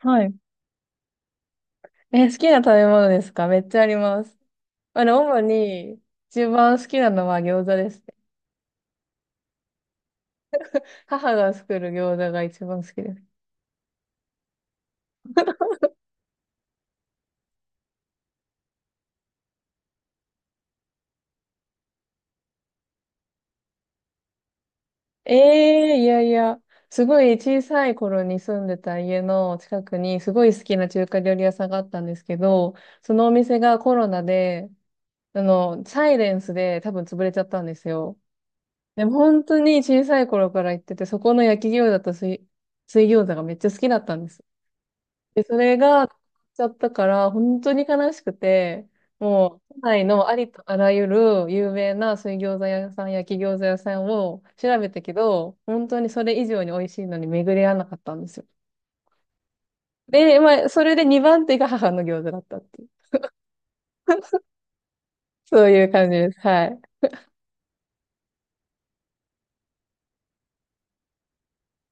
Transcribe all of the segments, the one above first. はい。好きな食べ物ですか？めっちゃあります。主に一番好きなのは餃子ですね。母が作る餃子が一番好きです。ええ、いやいや、すごい小さい頃に住んでた家の近くにすごい好きな中華料理屋さんがあったんですけど、そのお店がコロナで、サイレンスで多分潰れちゃったんですよ。でも本当に小さい頃から行ってて、そこの焼き餃子と水、水餃子がめっちゃ好きだったんです。で、それが、なくなっちゃったから、本当に悲しくて、もう、都内のありとあらゆる有名な水餃子屋さん、焼き餃子屋さんを調べたけど、本当にそれ以上に美味しいのに巡り合わなかったんですよ。で、まあ、それで2番手が母の餃子だったっていう、そういう感じです。はい。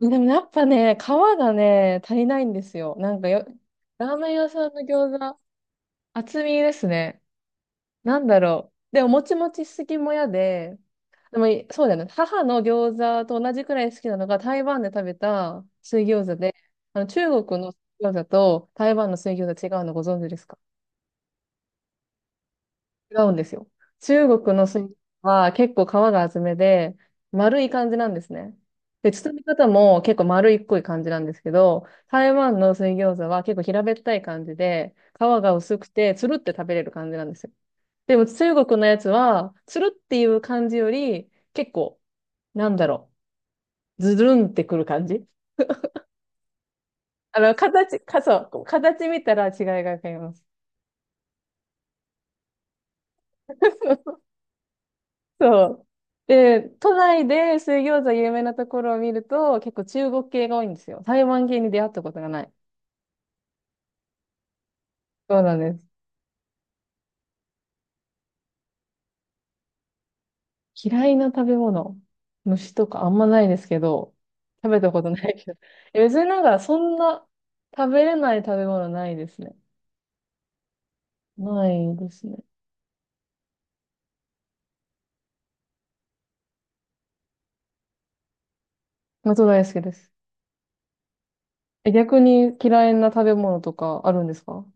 でもやっぱね、皮がね、足りないんですよ。なんかよ、ラーメン屋さんの餃子、厚みですね。なんだろう。でも、もちもちしすぎも嫌で、でも、いそうだよね。母の餃子と同じくらい好きなのが、台湾で食べた水餃子で、中国の水餃子と台湾の水餃子違うのご存知ですか？違うんですよ。中国の水餃子は結構皮が厚めで、丸い感じなんですね。で、包み方も結構丸いっこい感じなんですけど、台湾の水餃子は結構平べったい感じで、皮が薄くて、つるって食べれる感じなんですよ。でも中国のやつは、つるっていう感じより、結構、なんだろう、ズルンってくる感じ。形、か、そう、形見たら違いがわかります。そう。で、都内で水餃子有名なところを見ると、結構中国系が多いんですよ。台湾系に出会ったことがない。そうなんです。嫌いな食べ物、虫とかあんまないですけど、食べたことないけど。え、別になんか、そんな食べれない食べ物ないですね。ないですね。納豆大好きです。え、逆に嫌いな食べ物とかあるんですか？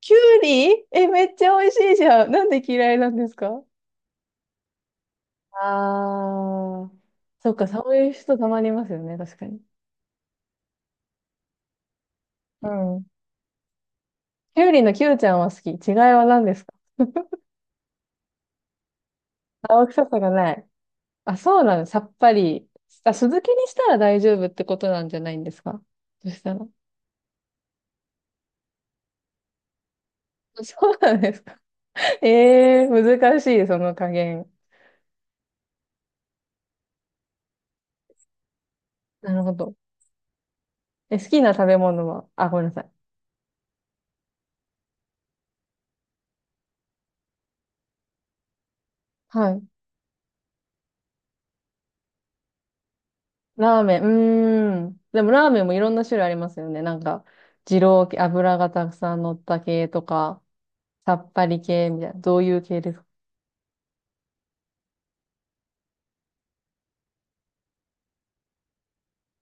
きゅうり、え、めっちゃ美味しいじゃん。なんで嫌いなんですか？あー、そっか、そういう人たまにいますよね、確かに。うん。キュウリのキュウちゃんは好き。違いは何ですか？青臭さがない。あ、そうなの、さっぱり。あ、酢漬けにしたら大丈夫ってことなんじゃないんですか？そしたら。そうなんですか？ ええー、難しい、その加減。なるほど。え、好きな食べ物は、あ、ごめんなさい。はい。ラーメン、うーん。でもラーメンもいろんな種類ありますよね。なんか、二郎系、油がたくさん乗った系とか、さっぱり系みたいな。どういう系ですか？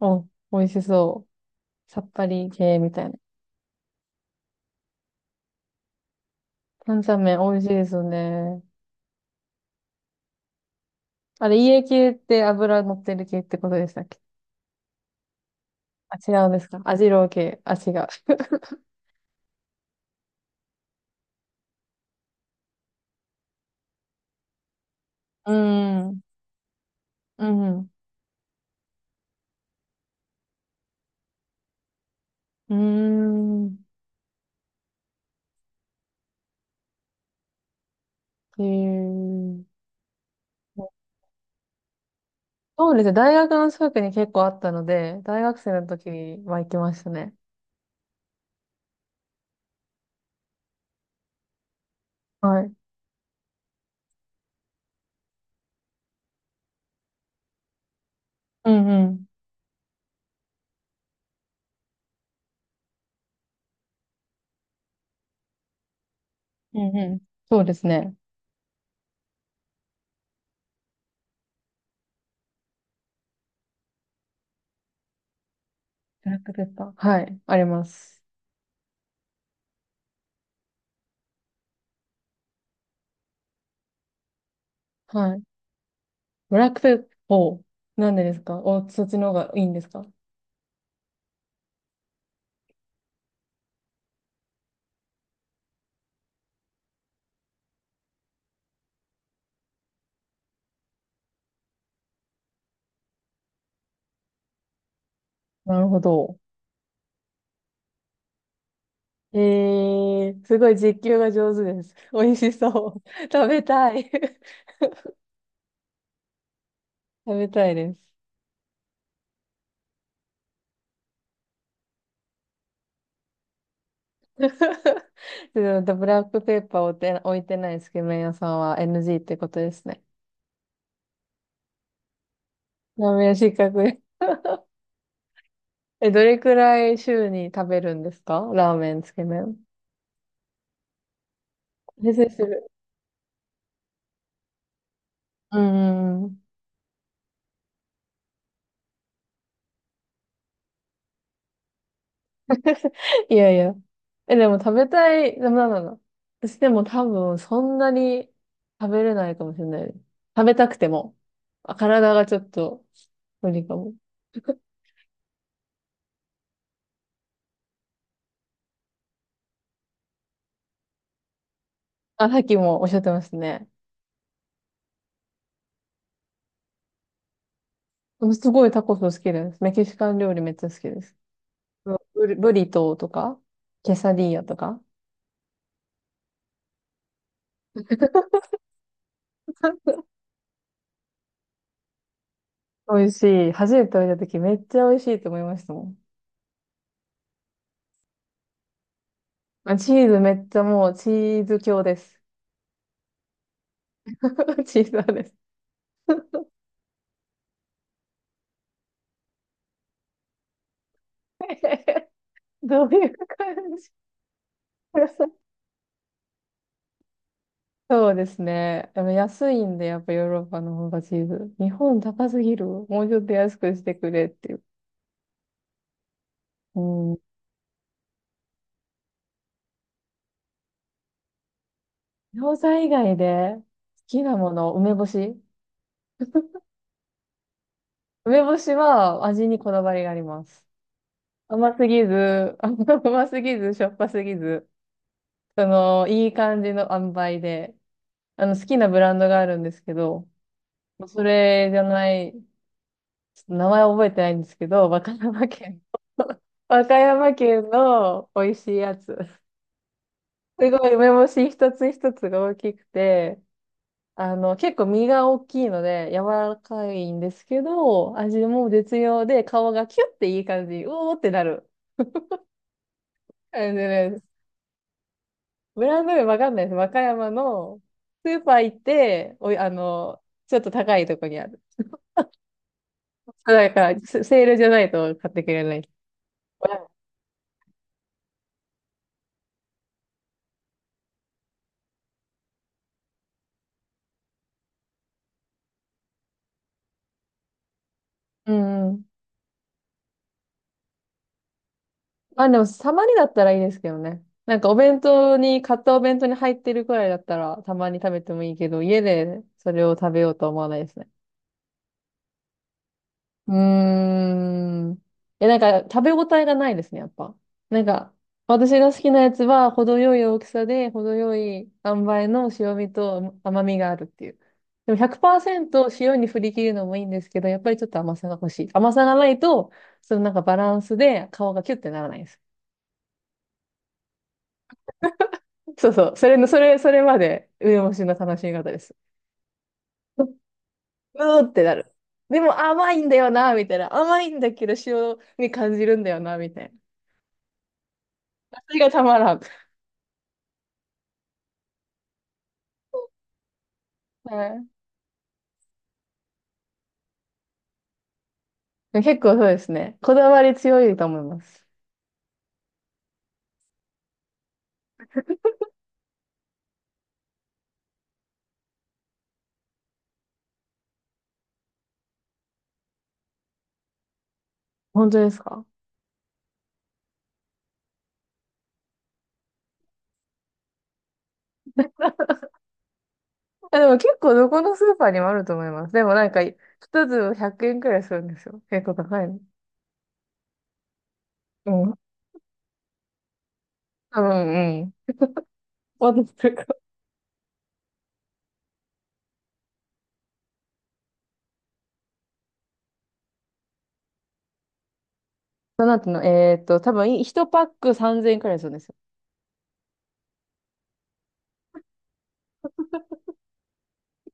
うん、美味しそう。さっぱり系みたいな。担々麺美味しいですよね。あれ、家系って油乗ってる系ってことでしたっけ？あ、違うんですか？あ、二郎系。あ、違う。うーん。うん。うーん。へー、そうですね。大学の近くに結構あったので、大学生の時は行きましたね。はい。うんうん。うんうん。そうですね。ブラックペッパー。はい。あります。はい。ブラックペッパー。なんでですか？お、そっちの方がいいんですか？なるほど。えすごい実況が上手です。美味しそう。食べたい。食べたいです。でもブラックペッパーを置いて、置いてないつけ麺屋さんは NG ってことですね。ラーメン失格です。え、どれくらい週に食べるんですか？ラーメン、つけ麺。先生する。うんうんうん。いやいや。え、でも食べたい、でもなんだろうな。私でも多分そんなに食べれないかもしれないです。食べたくても。あ、体がちょっと無理かも。あ、さっきもおっしゃってましたね。うん、すごいタコス好きです。メキシカン料理めっちゃ好きです。うん、ブリトーとか、ケサディーヤとか。美味しい。初めて食べた時めっちゃ美味しいと思いましたもん。あ、チーズめっちゃもうチーズ強です。チーズ派です。どういう感じ？ そうですね。でも安いんで、やっぱヨーロッパの方がチーズ。日本高すぎる。もうちょっと安くしてくれっていう。うん。餃子以外で好きなもの、梅干し。梅干しは味にこだわりがあります。甘すぎず、甘すぎず、しょっぱすぎず、その、いい感じの塩梅で、好きなブランドがあるんですけど、それじゃない、ちょっと名前覚えてないんですけど、和歌山県。和歌山県の美味しいやつ。すごい梅干し一つ一つが大きくて、結構身が大きいので柔らかいんですけど、味も絶妙で顔がキュッていい感じ、うおーってなる感じです。ブランド名わかんないです。和歌山のスーパー行って、おい、ちょっと高いとこにある。だから、セセールじゃないと買ってくれない。うん。まあ、でも、たまにだったらいいですけどね。なんか、お弁当に、買ったお弁当に入ってるくらいだったら、たまに食べてもいいけど、家でそれを食べようとは思わないですね。うーん。え、なんか、食べ応えがないですね、やっぱ。なんか、私が好きなやつは、程よい大きさで、程よい塩梅の塩味と甘みがあるっていう。でも100%塩に振り切るのもいいんですけど、やっぱりちょっと甘さが欲しい。甘さがないと、そのなんかバランスで顔がキュッてならないです。そうそう。それの、それ、それまで梅干しの楽しみ方です。ううーってなる。でも甘いんだよな、みたいな。甘いんだけど塩に感じるんだよな、みたいな。それがたまらん。はい、結構そうですね。こだわり強いと思います。本当ですか？あ、でも結構どこのスーパーにもあると思います。でもなんか、一粒100円くえんくらいするんですよ。結構高いの。うん。多分、うん。私とか。その後の、多分、1パック3000円くらいするんですよ。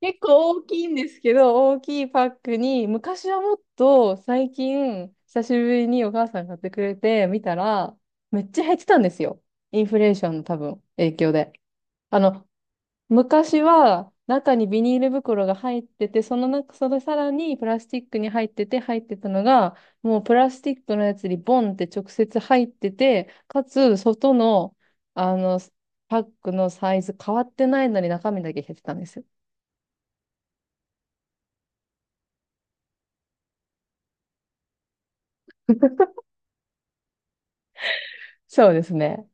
結構大きいんですけど、大きいパックに、昔はもっと最近、久しぶりにお母さん買ってくれて見たら、めっちゃ減ってたんですよ。インフレーションの多分影響で。あの、昔は中にビニール袋が入ってて、その中、それさらにプラスチックに入ってたのが、もうプラスチックのやつにボンって直接入ってて、かつ外の、あの、パックのサイズ変わってないのに中身だけ減ってたんですよ。そうですね。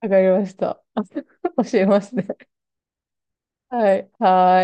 わかりました。教えますね。はい。はーい。